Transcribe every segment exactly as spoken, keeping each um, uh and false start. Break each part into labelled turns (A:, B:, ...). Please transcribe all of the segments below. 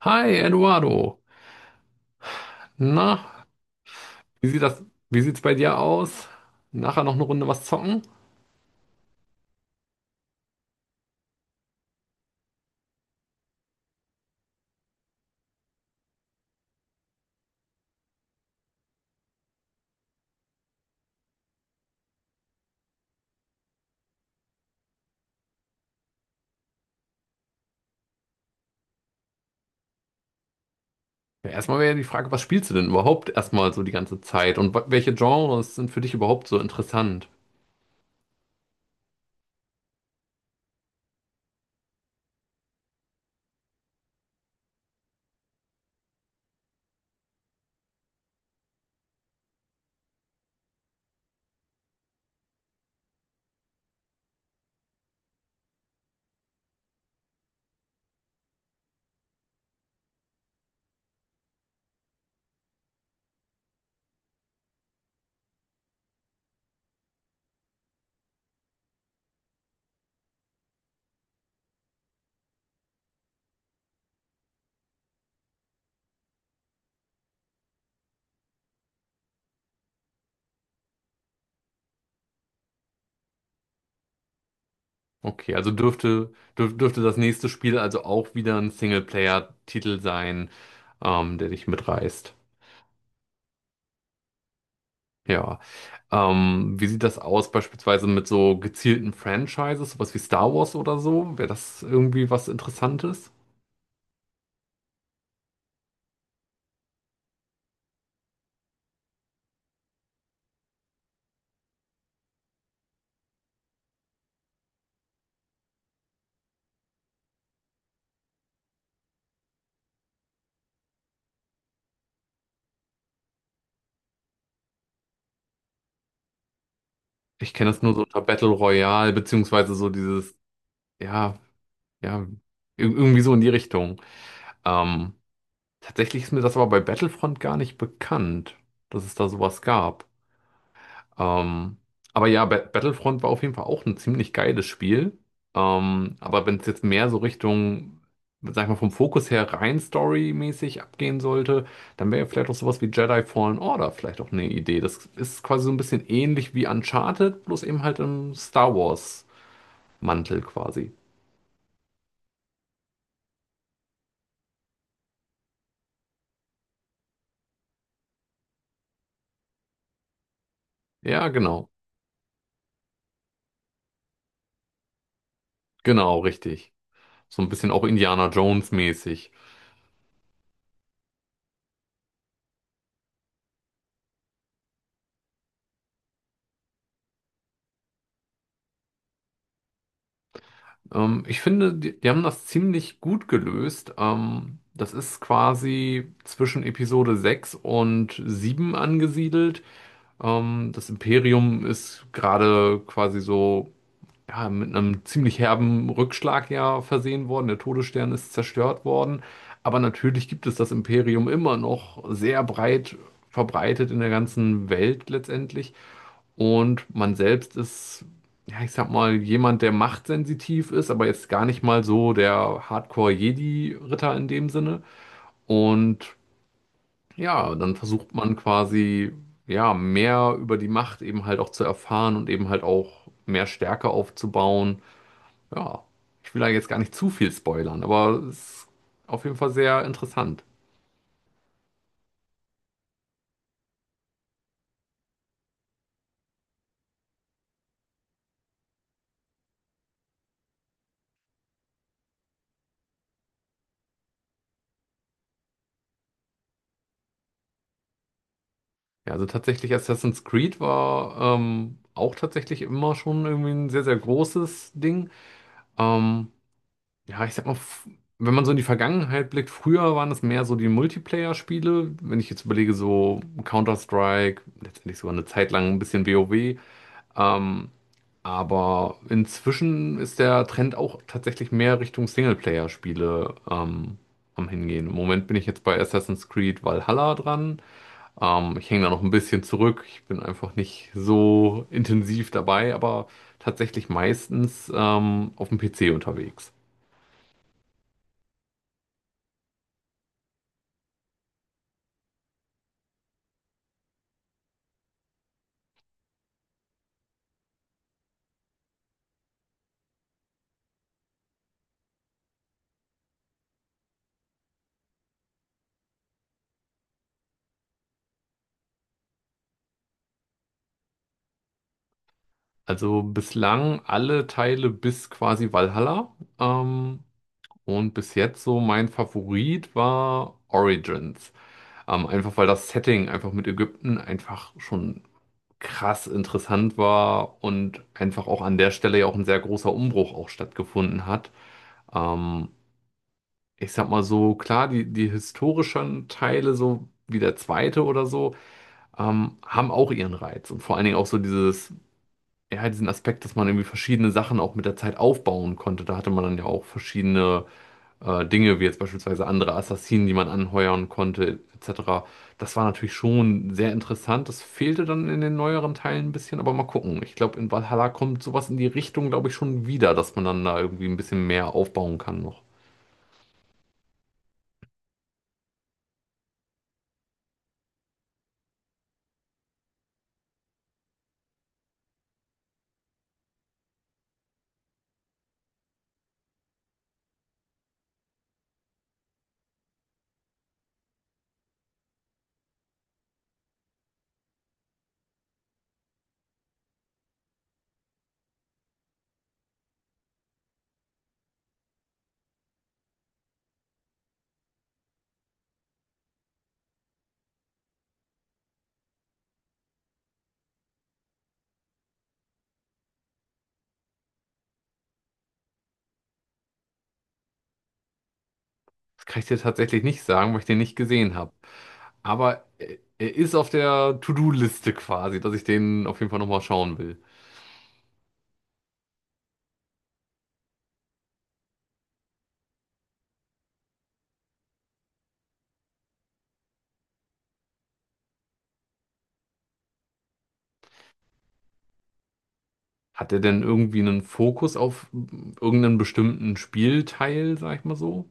A: Hi, Eduardo. Na, wie sieht das, wie sieht's bei dir aus? Nachher noch eine Runde was zocken? Ja, erstmal wäre ja die Frage, was spielst du denn überhaupt erstmal so die ganze Zeit? Und wa- welche Genres sind für dich überhaupt so interessant? Okay, also dürfte, dürf, dürfte das nächste Spiel also auch wieder ein Singleplayer-Titel sein, ähm, der dich mitreißt. Ja. Ähm, wie sieht das aus beispielsweise mit so gezielten Franchises, sowas wie Star Wars oder so? Wäre das irgendwie was Interessantes? Ich kenne das nur so unter Battle Royale, beziehungsweise so dieses, ja, ja, ir- irgendwie so in die Richtung. Ähm, Tatsächlich ist mir das aber bei Battlefront gar nicht bekannt, dass es da sowas gab. Ähm, aber ja, Ba- Battlefront war auf jeden Fall auch ein ziemlich geiles Spiel. Ähm, aber wenn es jetzt mehr so Richtung, sag ich mal, vom Fokus her rein storymäßig abgehen sollte, dann wäre ja vielleicht auch sowas wie Jedi Fallen Order vielleicht auch eine Idee. Das ist quasi so ein bisschen ähnlich wie Uncharted, bloß eben halt im Star Wars. Mantel quasi. Ja, genau. Genau, richtig. So ein bisschen auch Indiana Jones mäßig. Ähm, ich finde, die, die haben das ziemlich gut gelöst. Ähm, das ist quasi zwischen Episode sechs und sieben angesiedelt. Ähm, das Imperium ist gerade quasi so ja, mit einem ziemlich herben Rückschlag ja versehen worden. Der Todesstern ist zerstört worden. Aber natürlich gibt es das Imperium immer noch sehr breit verbreitet in der ganzen Welt letztendlich. Und man selbst ist, ja, ich sag mal, jemand, der machtsensitiv ist, aber jetzt gar nicht mal so der Hardcore-Jedi-Ritter in dem Sinne. Und ja, dann versucht man quasi, ja, mehr über die Macht eben halt auch zu erfahren und eben halt auch mehr Stärke aufzubauen, ja, ich will da jetzt gar nicht zu viel spoilern, aber es ist auf jeden Fall sehr interessant. Ja, also tatsächlich Assassin's Creed war ähm, auch tatsächlich immer schon irgendwie ein sehr, sehr großes Ding. Ähm, ja, ich sag mal, f- wenn man so in die Vergangenheit blickt, früher waren es mehr so die Multiplayer-Spiele. Wenn ich jetzt überlege, so Counter-Strike, letztendlich sogar eine Zeit lang ein bisschen WoW. Ähm, Aber inzwischen ist der Trend auch tatsächlich mehr Richtung Singleplayer-Spiele ähm, am Hingehen. Im Moment bin ich jetzt bei Assassin's Creed Valhalla dran. Ähm, ich hänge da noch ein bisschen zurück. Ich bin einfach nicht so intensiv dabei, aber tatsächlich meistens ähm, auf dem P C unterwegs. Also bislang alle Teile bis quasi Valhalla. Ähm, und bis jetzt so mein Favorit war Origins. Ähm, einfach weil das Setting einfach mit Ägypten einfach schon krass interessant war und einfach auch an der Stelle ja auch ein sehr großer Umbruch auch stattgefunden hat. Ähm, Ich sag mal so, klar, die, die historischen Teile, so wie der zweite oder so, ähm, haben auch ihren Reiz. Und vor allen Dingen auch so dieses, ja, diesen Aspekt, dass man irgendwie verschiedene Sachen auch mit der Zeit aufbauen konnte. Da hatte man dann ja auch verschiedene äh, Dinge, wie jetzt beispielsweise andere Assassinen, die man anheuern konnte, et cetera. Das war natürlich schon sehr interessant. Das fehlte dann in den neueren Teilen ein bisschen, aber mal gucken. Ich glaube, in Valhalla kommt sowas in die Richtung, glaube ich, schon wieder, dass man dann da irgendwie ein bisschen mehr aufbauen kann noch. Das kann ich dir tatsächlich nicht sagen, weil ich den nicht gesehen habe. Aber er er ist auf der To-Do-Liste quasi, dass ich den auf jeden Fall nochmal schauen will. Hat er denn irgendwie einen Fokus auf mm, irgendeinen bestimmten Spielteil, sag ich mal so?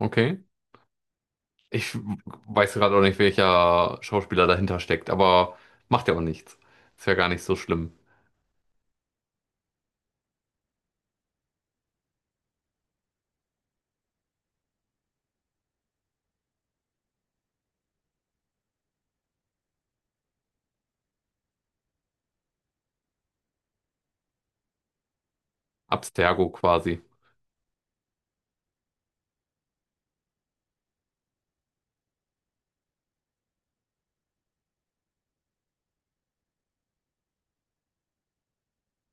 A: Okay. Ich weiß gerade auch nicht, welcher Schauspieler dahinter steckt, aber macht ja auch nichts. Ist ja gar nicht so schlimm. Abstergo quasi.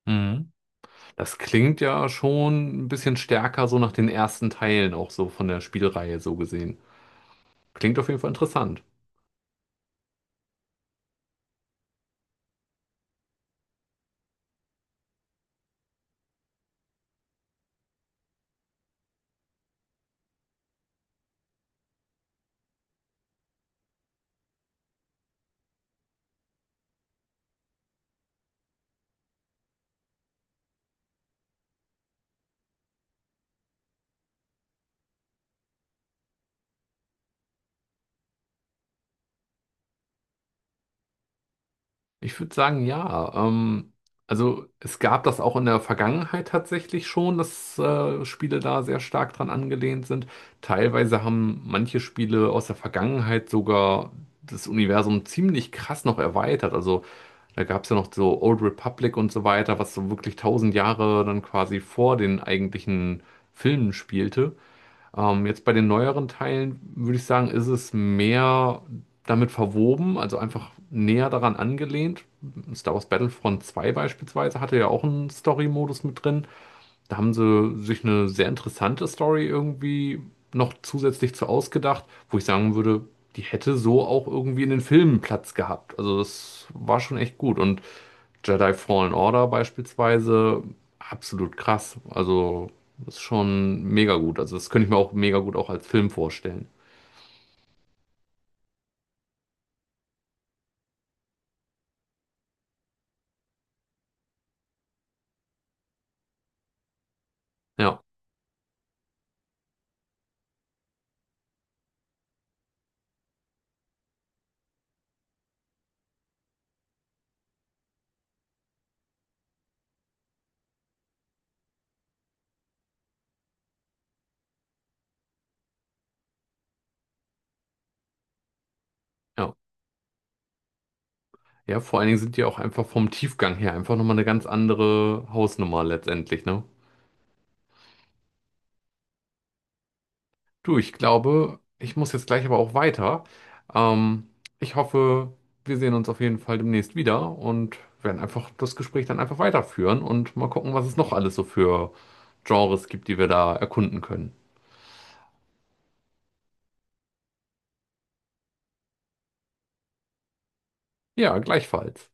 A: Mhm. Das klingt ja schon ein bisschen stärker so nach den ersten Teilen, auch so von der Spielreihe so gesehen. Klingt auf jeden Fall interessant. Ich würde sagen, ja. Ähm, also es gab das auch in der Vergangenheit tatsächlich schon, dass äh, Spiele da sehr stark dran angelehnt sind. Teilweise haben manche Spiele aus der Vergangenheit sogar das Universum ziemlich krass noch erweitert. Also da gab es ja noch so Old Republic und so weiter, was so wirklich tausend Jahre dann quasi vor den eigentlichen Filmen spielte. Ähm, jetzt bei den neueren Teilen würde ich sagen, ist es mehr damit verwoben, also einfach näher daran angelehnt. Star Wars Battlefront zwei beispielsweise hatte ja auch einen Story-Modus mit drin. Da haben sie sich eine sehr interessante Story irgendwie noch zusätzlich zu ausgedacht, wo ich sagen würde, die hätte so auch irgendwie in den Filmen Platz gehabt. Also das war schon echt gut. Und Jedi Fallen Order beispielsweise, absolut krass. Also das ist schon mega gut. Also das könnte ich mir auch mega gut auch als Film vorstellen. Ja, ja. Ja, vor allen Dingen sind die auch einfach vom Tiefgang her einfach nochmal eine ganz andere Hausnummer letztendlich, ne? Du, ich glaube, ich muss jetzt gleich aber auch weiter. Ähm, Ich hoffe, wir sehen uns auf jeden Fall demnächst wieder und werden einfach das Gespräch dann einfach weiterführen und mal gucken, was es noch alles so für Genres gibt, die wir da erkunden können. Ja, gleichfalls.